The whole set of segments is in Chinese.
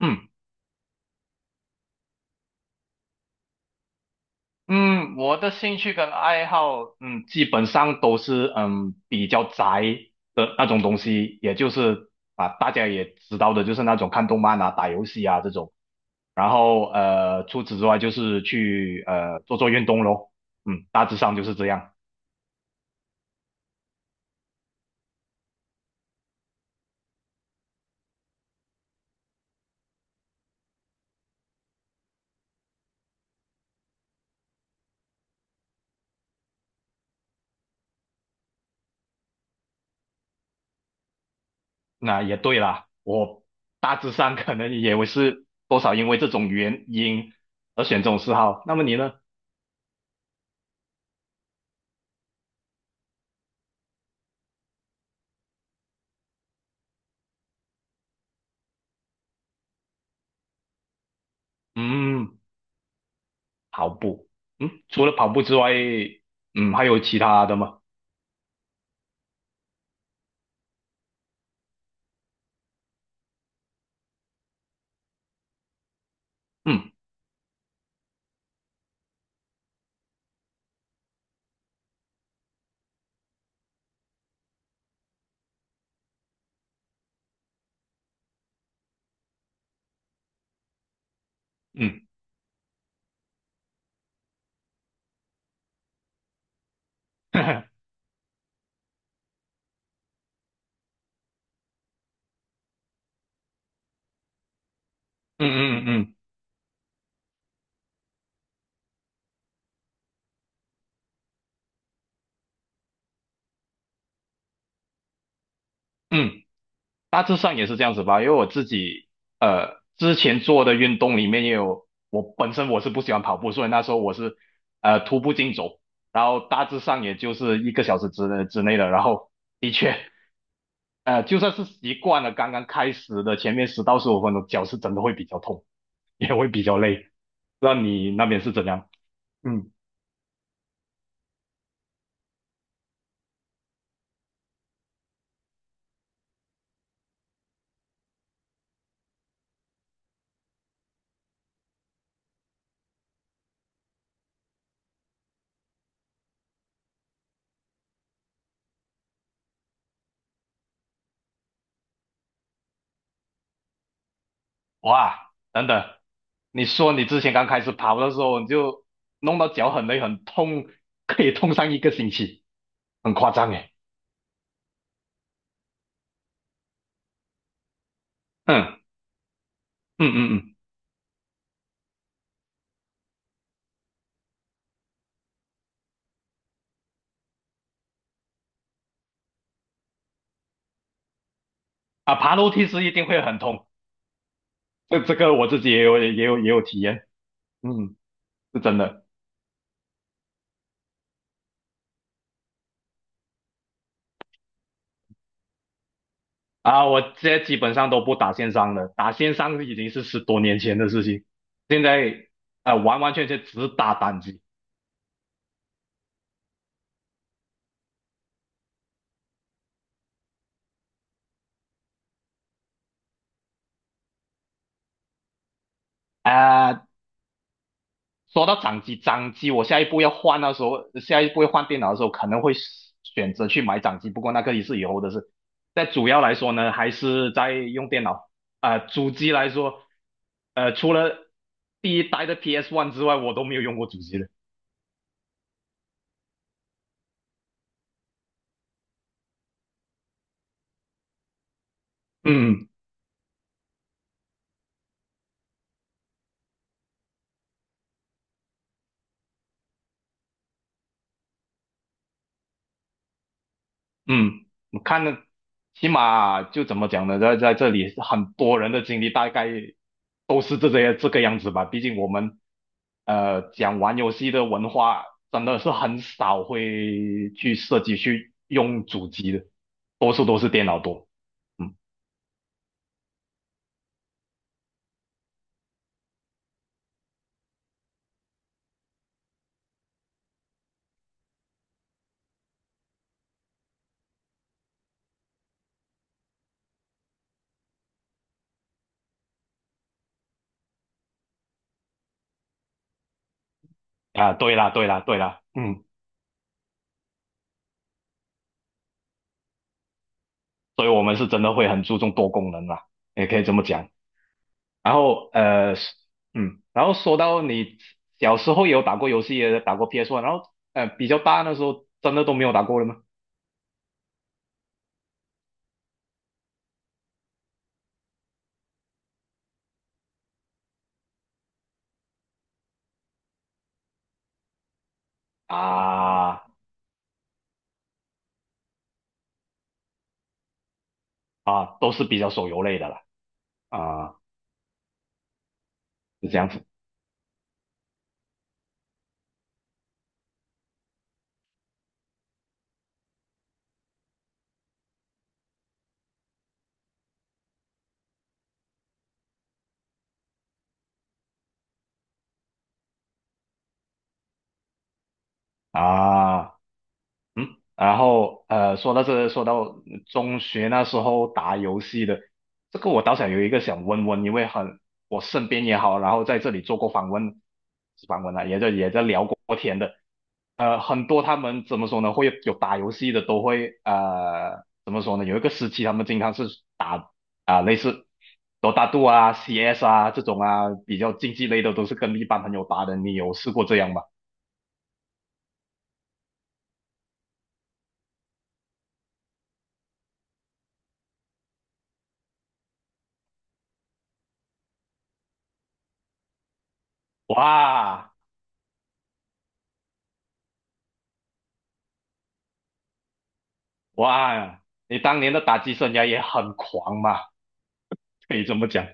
嗯嗯，我的兴趣跟爱好，基本上都是比较宅的那种东西，也就是啊大家也知道的，就是那种看动漫啊、打游戏啊这种。然后除此之外就是去做做运动咯，大致上就是这样。那也对啦，我大致上可能也会是多少因为这种原因而选这种嗜好。那么你呢？嗯。跑步，除了跑步之外，还有其他的吗？嗯嗯 嗯嗯嗯嗯，大致上也是这样子吧。因为我自己之前做的运动里面也有，我本身我是不喜欢跑步，所以那时候我是徒步竞走，然后大致上也就是1个小时之内的，然后的确就算是习惯了刚刚开始的前面10到15分钟，脚是真的会比较痛，也会比较累。不知道你那边是怎样？嗯。哇，等等，你说你之前刚开始跑的时候，你就弄到脚很累很痛，可以痛上1个星期，很夸张诶。嗯嗯嗯嗯。啊，爬楼梯是一定会很痛，这个我自己也有体验，嗯，是真的啊。我现在基本上都不打线上了，打线上已经是10多年前的事情，现在完完全全只打单机。啊、说到掌机，掌机我下一步要换的时候，下一步要换电脑的时候，可能会选择去买掌机。不过那个也是以后的事。但主要来说呢，还是在用电脑。主机来说，除了第一代的 PS One 之外，我都没有用过主机的。嗯。嗯，我看的起码就怎么讲呢，在这里很多人的经历大概都是这些这个样子吧。毕竟我们讲玩游戏的文化真的是很少会去涉及去用主机的，多数都是电脑多。嗯啊，对啦对啦对啦，嗯。所以我们是真的会很注重多功能啦，也可以这么讲。然后然后说到你小时候也有打过游戏，也打过 p s One，然后比较大那时候真的都没有打过了吗？啊啊，都是比较手游类的了啊，是这样子啊。然后说到这，说到中学那时候打游戏的，这个我倒想有一个想问问，因为很我身边也好，然后在这里做过访问，访问了，也在聊过天的，很多他们怎么说呢，会有打游戏的都会怎么说呢，有一个时期他们经常是打啊、类似多大度啊、CS 啊这种啊比较竞技类的，都是跟一般朋友打的，你有试过这样吗？哇！哇，你当年的打击生涯也很狂嘛，可以这么讲。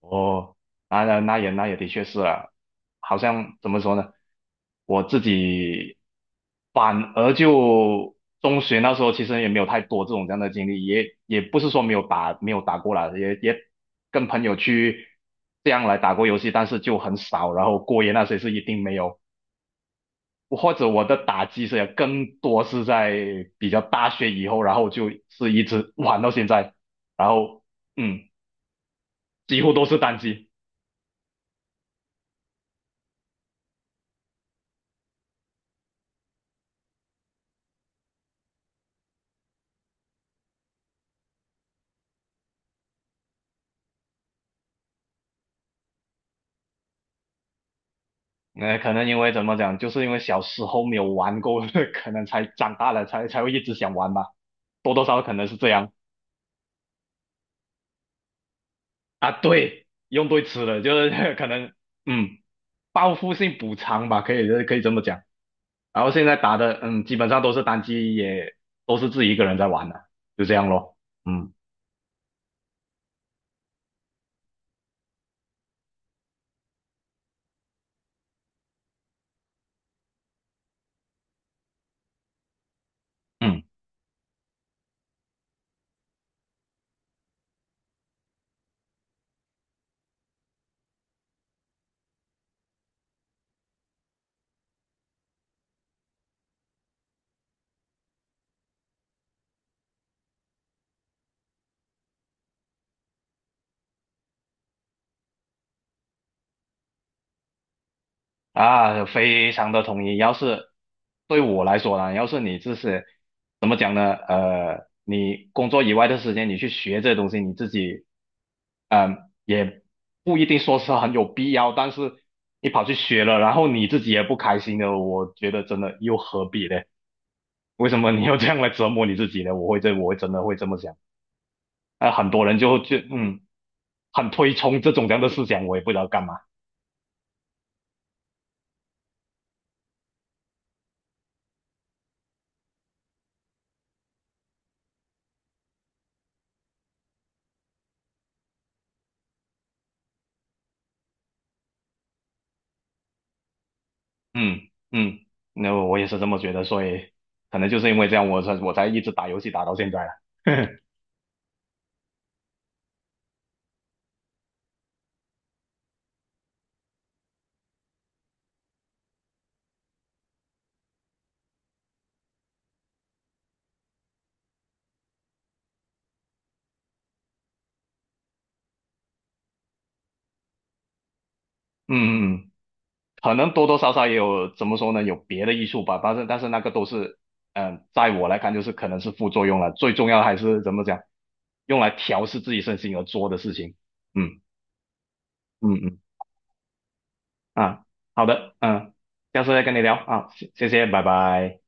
哦，那也的确是啊，好像怎么说呢，我自己反而就中学那时候其实也没有太多这种这样的经历，也不是说没有打过啦，也跟朋友去这样来打过游戏，但是就很少，然后过夜那些是一定没有。或者我的打击是更多是在比较大学以后，然后就是一直玩到现在，然后嗯，几乎都是单机。可能因为怎么讲，就是因为小时候没有玩够，可能才长大了才会一直想玩吧，多多少少可能是这样啊。对，用对词了，就是 可能嗯，报复性补偿吧，可以可以这么讲。然后现在打的基本上都是单机，也都是自己一个人在玩的，就这样咯。嗯嗯。啊，非常的同意。要是对我来说呢，要是你自是怎么讲呢？你工作以外的时间，你去学这东西，你自己，嗯、也不一定说是很有必要。但是你跑去学了，然后你自己也不开心的，我觉得真的又何必呢？为什么你要这样来折磨你自己呢？我会这，我会真的会这么想。很多人就很推崇这种这样的思想，我也不知道干嘛。嗯嗯，那我也是这么觉得，所以可能就是因为这样，我才一直打游戏打到现在了。嗯嗯，可能多多少少也有怎么说呢，有别的艺术吧，但是那个都是，在我来看就是可能是副作用了，最重要的还是怎么讲，用来调试自己身心而做的事情。嗯嗯嗯。啊，好的，下次再跟你聊啊，谢谢谢，拜拜。